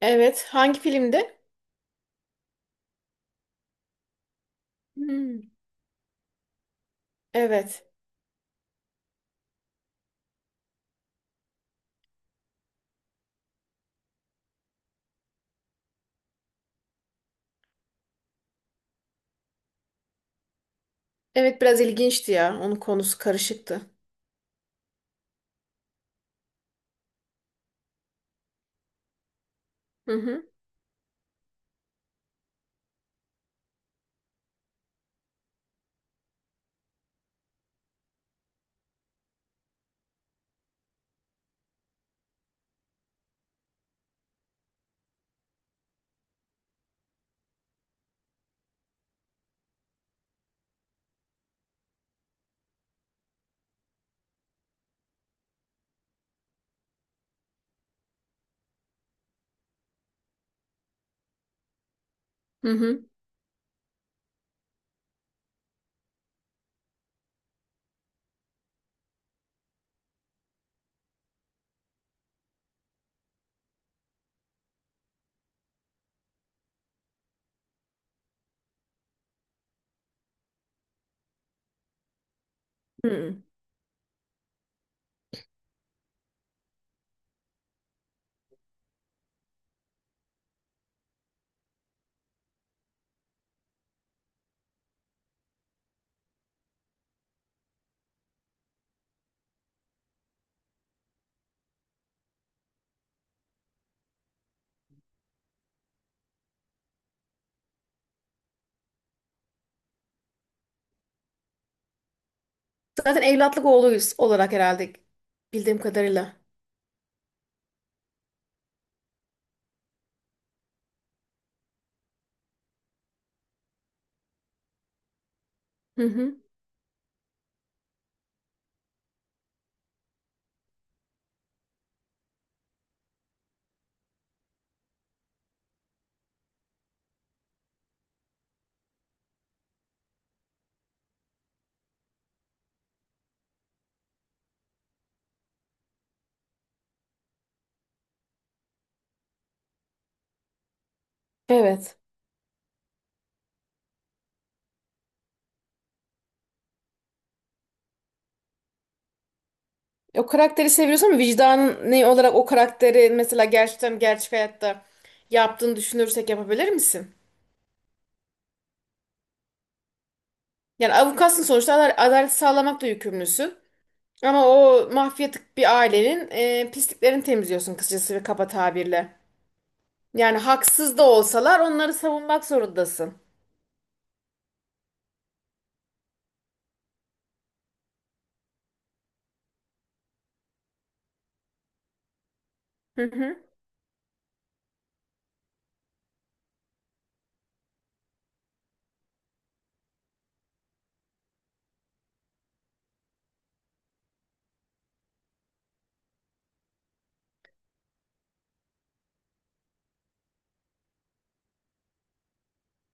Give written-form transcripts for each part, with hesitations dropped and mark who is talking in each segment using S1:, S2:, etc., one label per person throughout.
S1: Evet. Hangi filmdi? Hmm. Evet. Evet biraz ilginçti ya. Onun konusu karışıktı. Hı hı. Hı hı. Hmm. Zaten evlatlık oğluyuz olarak herhalde bildiğim kadarıyla. Hı hı. Evet. O karakteri seviyorsun ama vicdanın ne olarak o karakteri mesela gerçekten gerçek hayatta yaptığını düşünürsek yapabilir misin? Yani avukatsın sonuçta adalet sağlamakla yükümlüsün. Ama o mafyatik bir ailenin pisliklerini temizliyorsun kısacası ve kaba tabirle. Yani haksız da olsalar onları savunmak zorundasın. Hı hı.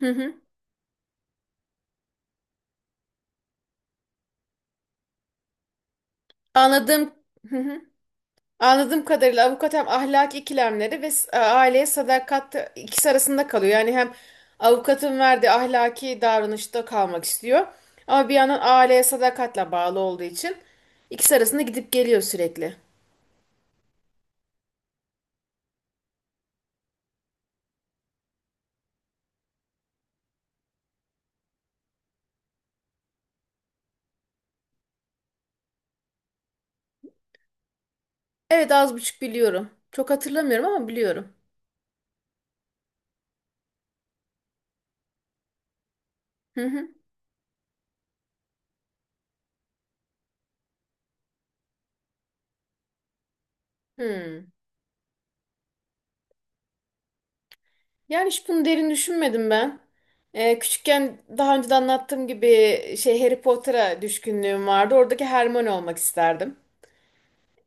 S1: Hı hı. Anladığım hı hı. Anladığım kadarıyla avukat hem ahlaki ikilemleri ve aileye sadakat ikisi arasında kalıyor. Yani hem avukatın verdiği ahlaki davranışta kalmak istiyor ama bir yandan aileye sadakatle bağlı olduğu için ikisi arasında gidip geliyor sürekli. Evet az buçuk biliyorum. Çok hatırlamıyorum ama biliyorum. Hı hı. Hı. Yani hiç bunu derin düşünmedim ben. Küçükken daha önce de anlattığım gibi şey Harry Potter'a düşkünlüğüm vardı. Oradaki Hermione olmak isterdim.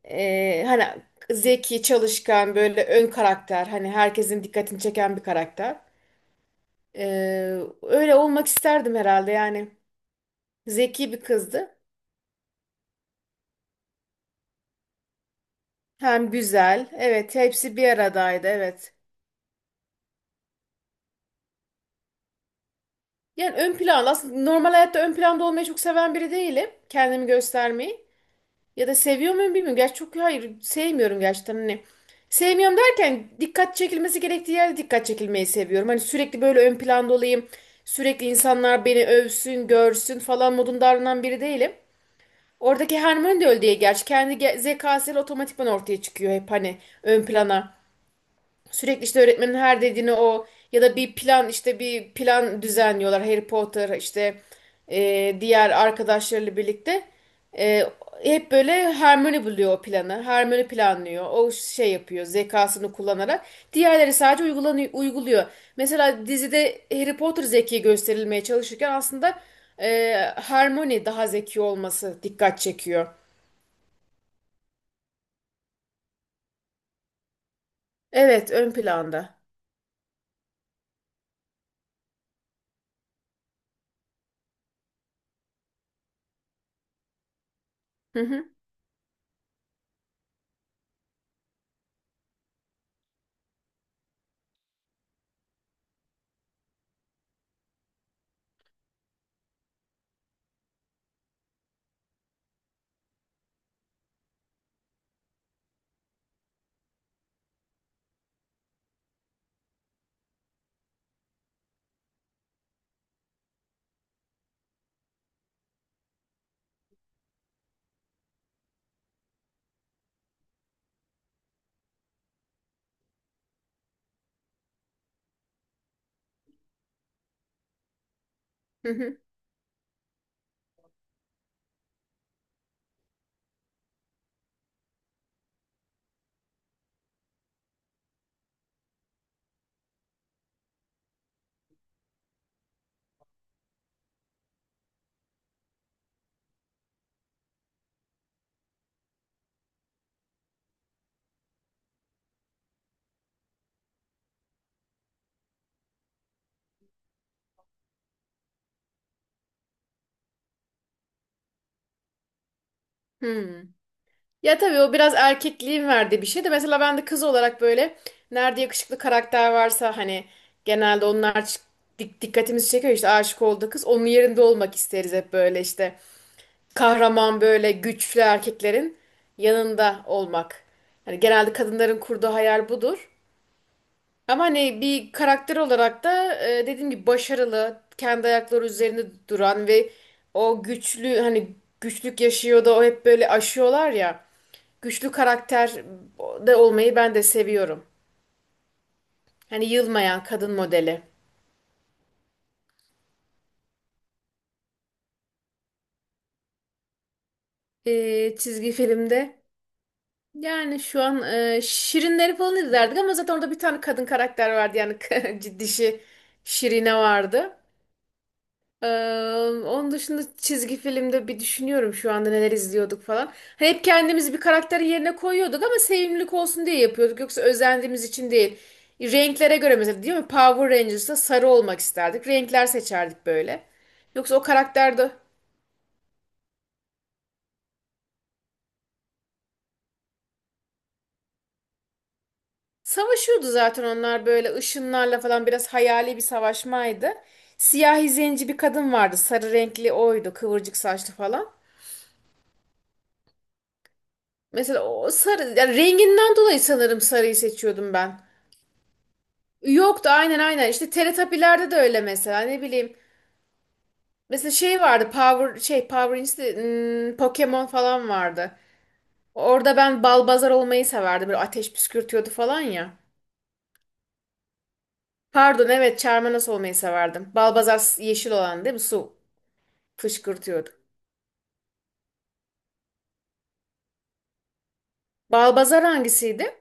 S1: Hani zeki, çalışkan, böyle ön karakter, hani herkesin dikkatini çeken bir karakter. Ee, öyle olmak isterdim herhalde yani. Zeki bir kızdı. Hem güzel. Evet, hepsi bir aradaydı. Evet. Yani ön planda aslında normal hayatta ön planda olmayı çok seven biri değilim. Kendimi göstermeyi. Ya da seviyor muyum bilmiyorum. Gerçi çok hayır sevmiyorum gerçekten hani. Sevmiyorum derken dikkat çekilmesi gerektiği yerde dikkat çekilmeyi seviyorum. Hani sürekli böyle ön planda olayım. Sürekli insanlar beni övsün, görsün falan modunda davranan biri değilim. Oradaki Hermione de öyle değil gerçi. Kendi zekasıyla otomatikman ortaya çıkıyor hep hani ön plana. Sürekli işte öğretmenin her dediğini o ya da bir plan düzenliyorlar Harry Potter işte diğer arkadaşlarıyla birlikte. E, hep böyle Hermione buluyor o planı. Hermione planlıyor. O şey yapıyor zekasını kullanarak. Diğerleri sadece uygulanıyor, uyguluyor. Mesela dizide Harry Potter zeki gösterilmeye çalışırken aslında Hermione daha zeki olması dikkat çekiyor. Evet ön planda. Hı hı hı hı. Hı. Ya tabii o biraz erkekliğin verdiği bir şey de mesela ben de kız olarak böyle nerede yakışıklı karakter varsa hani genelde onlar dikkatimizi çekiyor işte aşık olduğu kız onun yerinde olmak isteriz hep böyle işte kahraman böyle güçlü erkeklerin yanında olmak. Hani genelde kadınların kurduğu hayal budur. Ama hani bir karakter olarak da dediğim gibi başarılı, kendi ayakları üzerinde duran ve o güçlü hani güçlük yaşıyor da o hep böyle aşıyorlar ya. Güçlü karakter de olmayı ben de seviyorum. Hani yılmayan kadın modeli. Çizgi filmde yani şu an Şirinleri falan izlerdik ama zaten orada bir tane kadın karakter vardı yani ciddişi Şirine vardı. Ee, onun dışında çizgi filmde bir düşünüyorum şu anda neler izliyorduk falan. Hani hep kendimizi bir karakterin yerine koyuyorduk ama sevimlilik olsun diye yapıyorduk. Yoksa özendiğimiz için değil. Renklere göre mesela değil mi? Power Rangers'ta sarı olmak isterdik. Renkler seçerdik böyle. Yoksa o karakter de savaşıyordu zaten onlar böyle ışınlarla falan biraz hayali bir savaşmaydı. Siyahi zenci bir kadın vardı. Sarı renkli oydu. Kıvırcık saçlı falan. Mesela o sarı yani renginden dolayı sanırım sarıyı seçiyordum ben. Yoktu aynen aynen. İşte Teletubbies'lerde de öyle mesela ne bileyim. Mesela şey vardı Power Rangers değil, hmm, Pokemon falan vardı. Orada ben Balbazar olmayı severdim. Böyle ateş püskürtüyordu falan ya. Pardon evet Charmander olmayı severdim. Yeşil olan değil mi? Su fışkırtıyordu. Balbazar hangisiydi?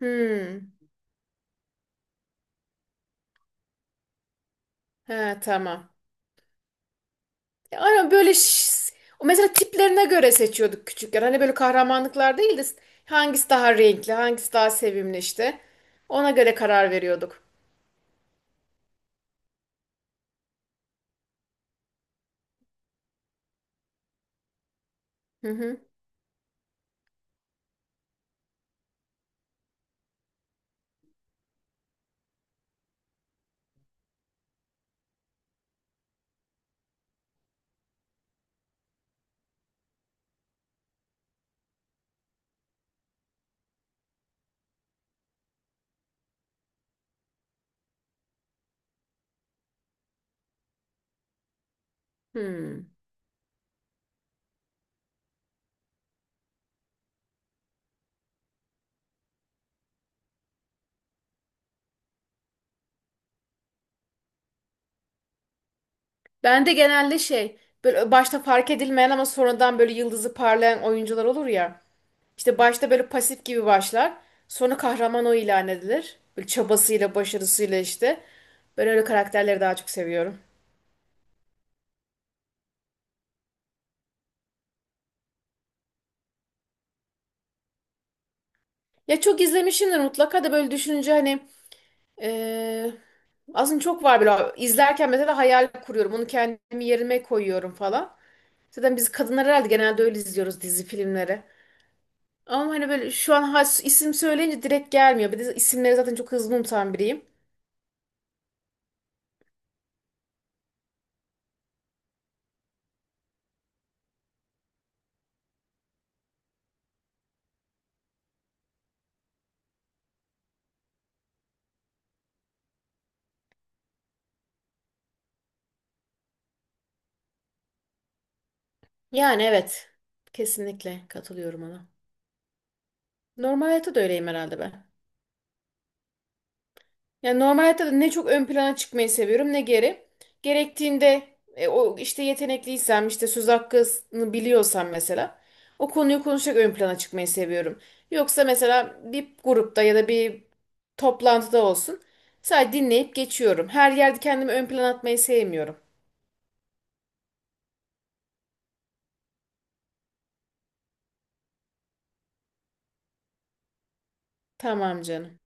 S1: Hmm. He tamam. Aynen böyle ş- o mesela tiplerine göre seçiyorduk küçükken. Hani böyle kahramanlıklar değil de hangisi daha renkli, hangisi daha sevimli işte. Ona göre karar veriyorduk. Hı hı. Hmm. Ben de genelde şey böyle başta fark edilmeyen ama sonradan böyle yıldızı parlayan oyuncular olur ya. İşte başta böyle pasif gibi başlar. Sonra kahraman o ilan edilir. Böyle çabasıyla, başarısıyla işte. Ben öyle karakterleri daha çok seviyorum. Ya çok izlemişimdir mutlaka da böyle düşününce hani Ee, aslında çok var böyle. İzlerken mesela hayal kuruyorum. Onu kendimi yerime koyuyorum falan. Zaten biz kadınlar herhalde genelde öyle izliyoruz dizi filmleri. Ama hani böyle şu an isim söyleyince direkt gelmiyor. Bir de isimleri zaten çok hızlı unutan biriyim. Yani evet. Kesinlikle katılıyorum ona. Normal hayatta da öyleyim herhalde ben. Yani normal hayatta da ne çok ön plana çıkmayı seviyorum ne geri. Gerektiğinde o işte yetenekliysem işte söz hakkını biliyorsam mesela o konuyu konuşarak ön plana çıkmayı seviyorum. Yoksa mesela bir grupta ya da bir toplantıda olsun sadece dinleyip geçiyorum. Her yerde kendimi ön plana atmayı sevmiyorum. Tamam canım.